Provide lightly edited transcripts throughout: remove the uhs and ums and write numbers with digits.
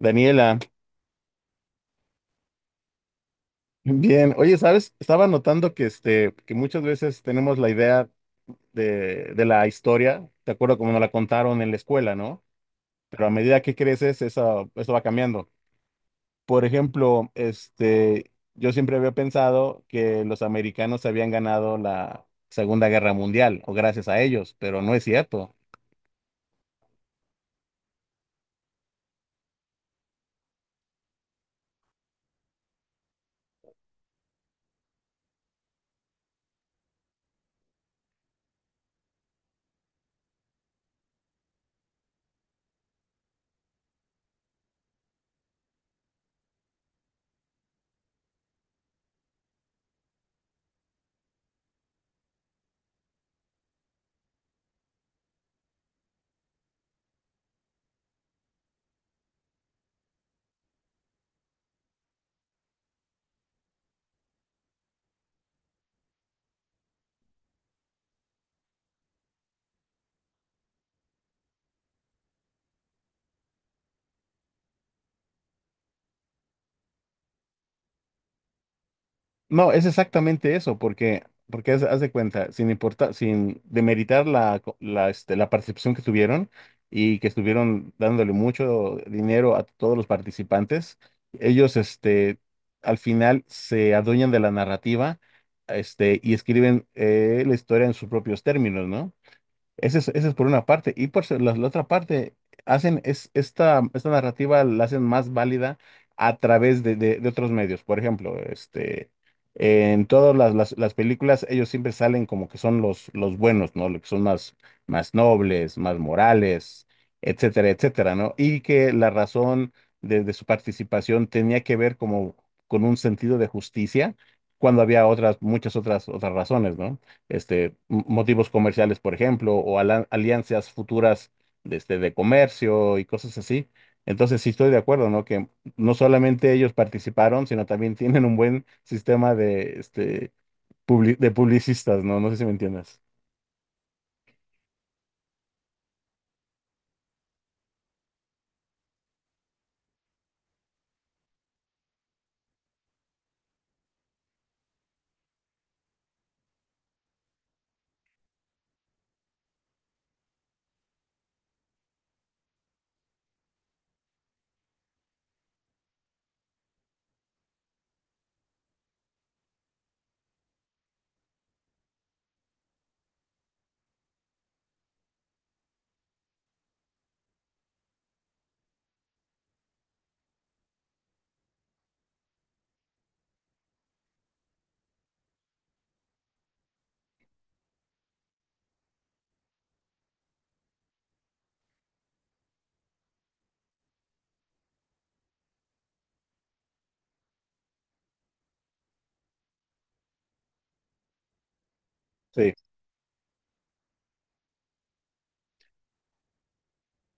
Daniela, bien. Oye, ¿sabes? Estaba notando que, que muchas veces tenemos la idea de la historia, de acuerdo como nos la contaron en la escuela, ¿no? Pero a medida que creces, eso va cambiando. Por ejemplo, yo siempre había pensado que los americanos habían ganado la Segunda Guerra Mundial, o gracias a ellos, pero no es cierto. No, es exactamente eso, porque haz de cuenta, sin importar, sin demeritar la, co- la, este, la participación que tuvieron y que estuvieron dándole mucho dinero a todos los participantes, ellos, al final se adueñan de la narrativa, y escriben la historia en sus propios términos, ¿no? Ese es por una parte. Y por la otra parte, esta narrativa la hacen más válida a través de otros medios. Por ejemplo, en todas las películas ellos siempre salen como que son los buenos, ¿no? Los que son más nobles, más morales, etcétera, etcétera, ¿no? Y que la razón de su participación tenía que ver como con un sentido de justicia cuando había otras razones, ¿no? Motivos comerciales, por ejemplo, o alianzas futuras de, de comercio y cosas así. Entonces, sí estoy de acuerdo, ¿no? Que no solamente ellos participaron, sino también tienen un buen sistema de, de publicistas, ¿no? No sé si me entiendes. Sí.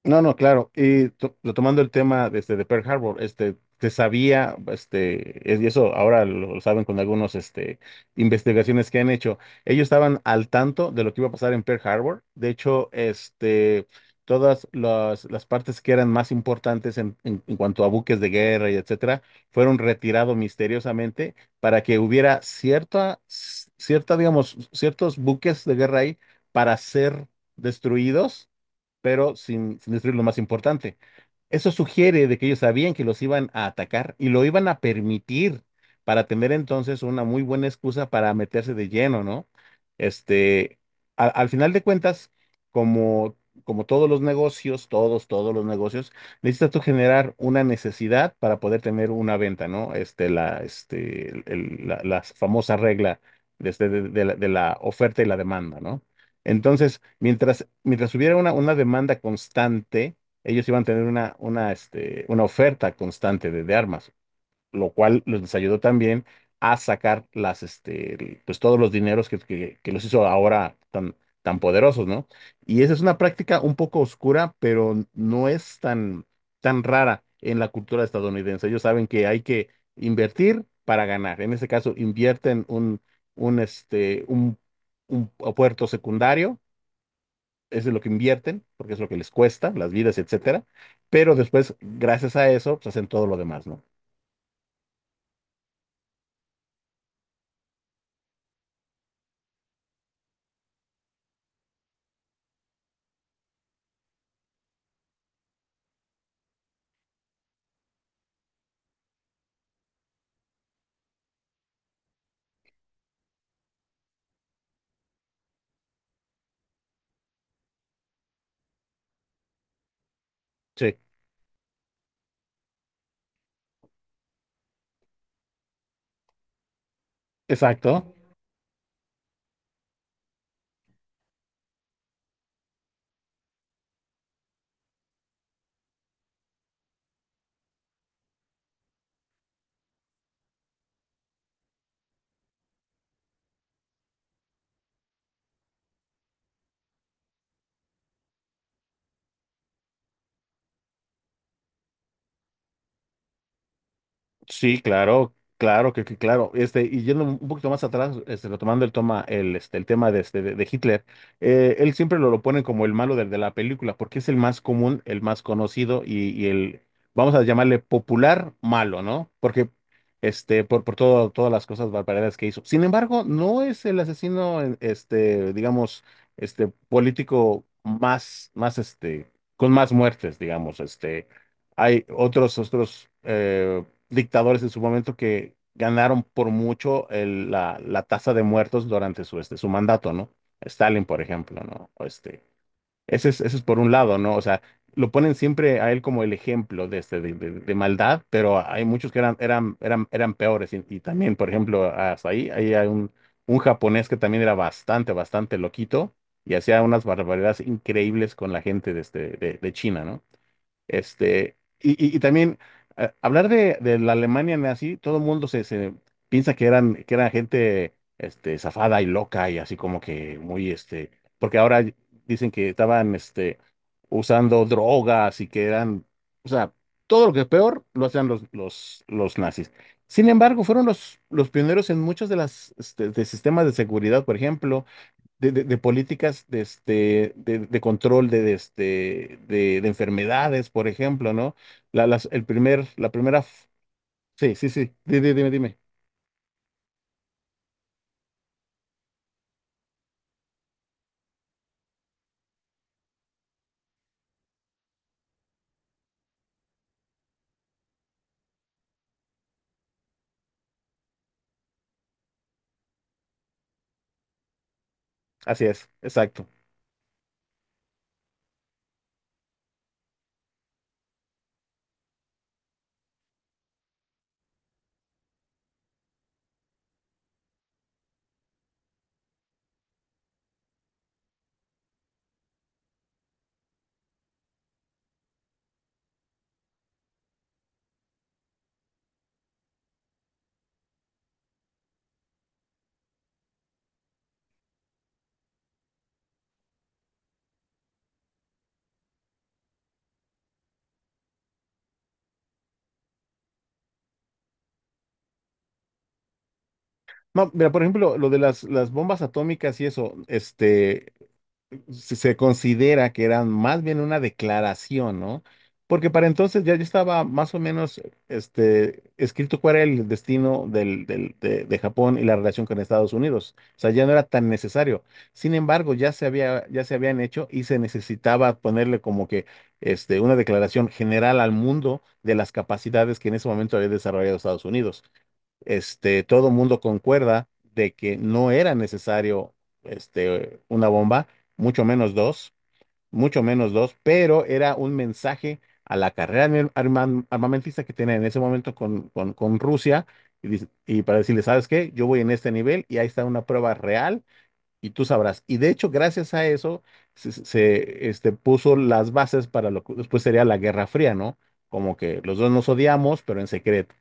No, no, claro. Y retomando el tema de de Pearl Harbor, se sabía, y eso ahora lo saben con algunos, investigaciones que han hecho. Ellos estaban al tanto de lo que iba a pasar en Pearl Harbor. De hecho, todas las partes que eran más importantes en cuanto a buques de guerra y etcétera, fueron retirados misteriosamente para que hubiera cierta, digamos, ciertos buques de guerra ahí para ser destruidos pero sin destruir lo más importante. Eso sugiere de que ellos sabían que los iban a atacar y lo iban a permitir para tener entonces una muy buena excusa para meterse de lleno, ¿no? Este, Al final de cuentas, como, como todos los negocios, todos los negocios, necesitas tú generar una necesidad para poder tener una venta, ¿no? Este, la, este, el- La famosa regla de, de la oferta y la demanda, ¿no? Entonces, mientras hubiera una demanda constante, ellos iban a tener una oferta constante de armas, lo cual les ayudó también a sacar las, pues todos los dineros que los hizo ahora tan poderosos, ¿no? Y esa es una práctica un poco oscura, pero no es tan rara en la cultura estadounidense. Ellos saben que hay que invertir para ganar. En este caso, invierten un, este, un puerto secundario es de lo que invierten, porque es lo que les cuesta, las vidas, etcétera. Pero después, gracias a eso, pues hacen todo lo demás, ¿no? Sí, exacto. Sí, claro, claro, que claro. Este, y yendo un poquito más atrás, retomando el el tema de, de Hitler, él siempre lo ponen como el malo de la película, porque es el más común, el más conocido y el, vamos a llamarle popular malo, ¿no? Porque, por todo, todas las cosas barbaridades que hizo. Sin embargo, no es el asesino, digamos, político más, con más muertes, digamos, este. Hay otros dictadores en su momento que ganaron por mucho la la tasa de muertos durante su, su mandato, ¿no? Stalin, por ejemplo, ¿no? O este, ese es por un lado, ¿no? O sea, lo ponen siempre a él como el ejemplo de, de maldad, pero hay muchos que eran peores. Y también, por ejemplo, hasta ahí hay un japonés que también era bastante loquito y hacía unas barbaridades increíbles con la gente de, de China, ¿no? Y también hablar de la Alemania nazi, todo el mundo se piensa que eran, que era gente zafada y loca y así como que muy, este, porque ahora dicen que estaban usando drogas y que eran, o sea, todo lo que es peor lo hacían los nazis. Sin embargo, fueron los pioneros en muchos de las de sistemas de seguridad, por ejemplo de, de políticas de, de control de enfermedades, por ejemplo, ¿no? La primera, f- sí, sí, sí, dime, dime. Así es, exacto. No, mira, por ejemplo, lo de las bombas atómicas y eso, se se considera que eran más bien una declaración, ¿no? Porque para entonces ya, ya estaba más o menos escrito cuál era el destino de Japón y la relación con Estados Unidos. O sea, ya no era tan necesario. Sin embargo, ya se había, ya se habían hecho y se necesitaba ponerle como que una declaración general al mundo de las capacidades que en ese momento había desarrollado Estados Unidos. Este, todo mundo concuerda de que no era necesario, una bomba, mucho menos dos, mucho menos dos, pero era un mensaje a la carrera armamentista que tenía en ese momento con Rusia y para decirle, ¿sabes qué? Yo voy en este nivel y ahí está una prueba real y tú sabrás. Y de hecho, gracias a eso, puso las bases para lo que después sería la Guerra Fría, ¿no? Como que los dos nos odiamos, pero en secreto.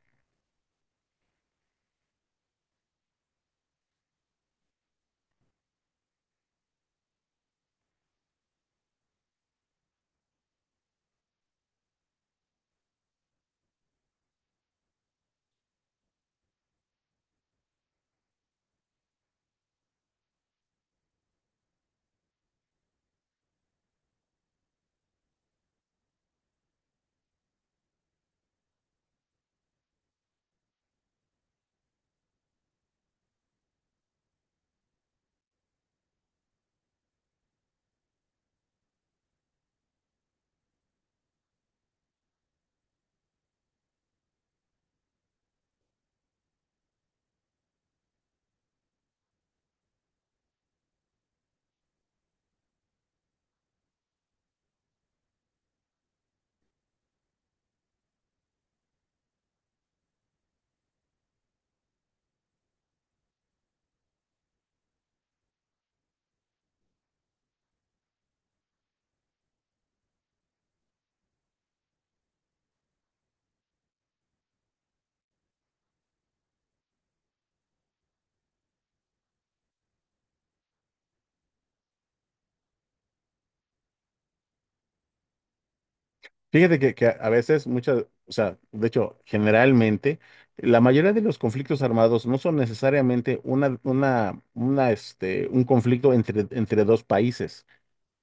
Fíjate que a veces muchas, o sea, de hecho, generalmente, la mayoría de los conflictos armados no son necesariamente un conflicto entre, entre dos países.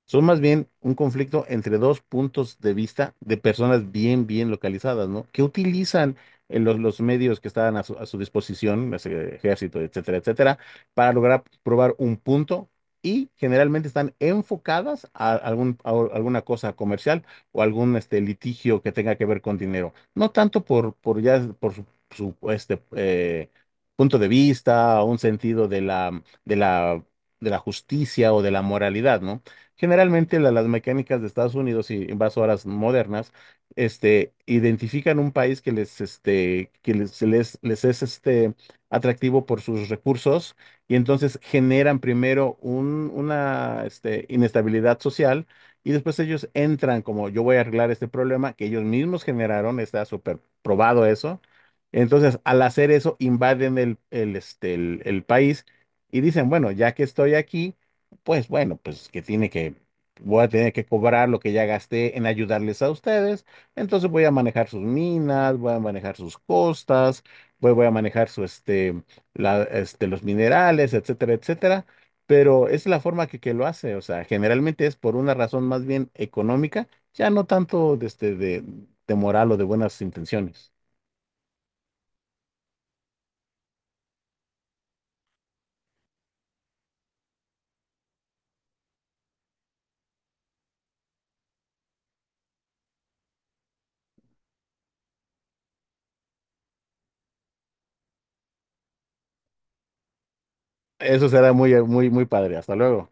Son más bien un conflicto entre dos puntos de vista de personas bien localizadas, ¿no? Que utilizan los medios que estaban a su disposición, las, ejército, etcétera, etcétera, para lograr probar un punto y generalmente están enfocadas a, alguna cosa comercial o algún litigio que tenga que ver con dinero. No tanto por ya, por su, su, este, eh, punto de vista o un sentido de de la justicia o de la moralidad, ¿no? Generalmente las mecánicas de Estados Unidos y invasoras modernas, identifican un país que les, este, que les, se les, les es, atractivo por sus recursos y entonces generan primero inestabilidad social y después ellos entran como yo voy a arreglar este problema que ellos mismos generaron, está súper probado eso. Entonces, al hacer eso, invaden el, este, el país y dicen, bueno, ya que estoy aquí pues bueno, pues que tiene voy a tener que cobrar lo que ya gasté en ayudarles a ustedes. Entonces voy a manejar sus minas, voy a manejar sus costas, voy a manejar su, los minerales, etcétera, etcétera. Pero es la forma que lo hace. O sea, generalmente es por una razón más bien económica, ya no tanto de, de moral o de buenas intenciones. Eso será muy, muy, muy padre. Hasta luego.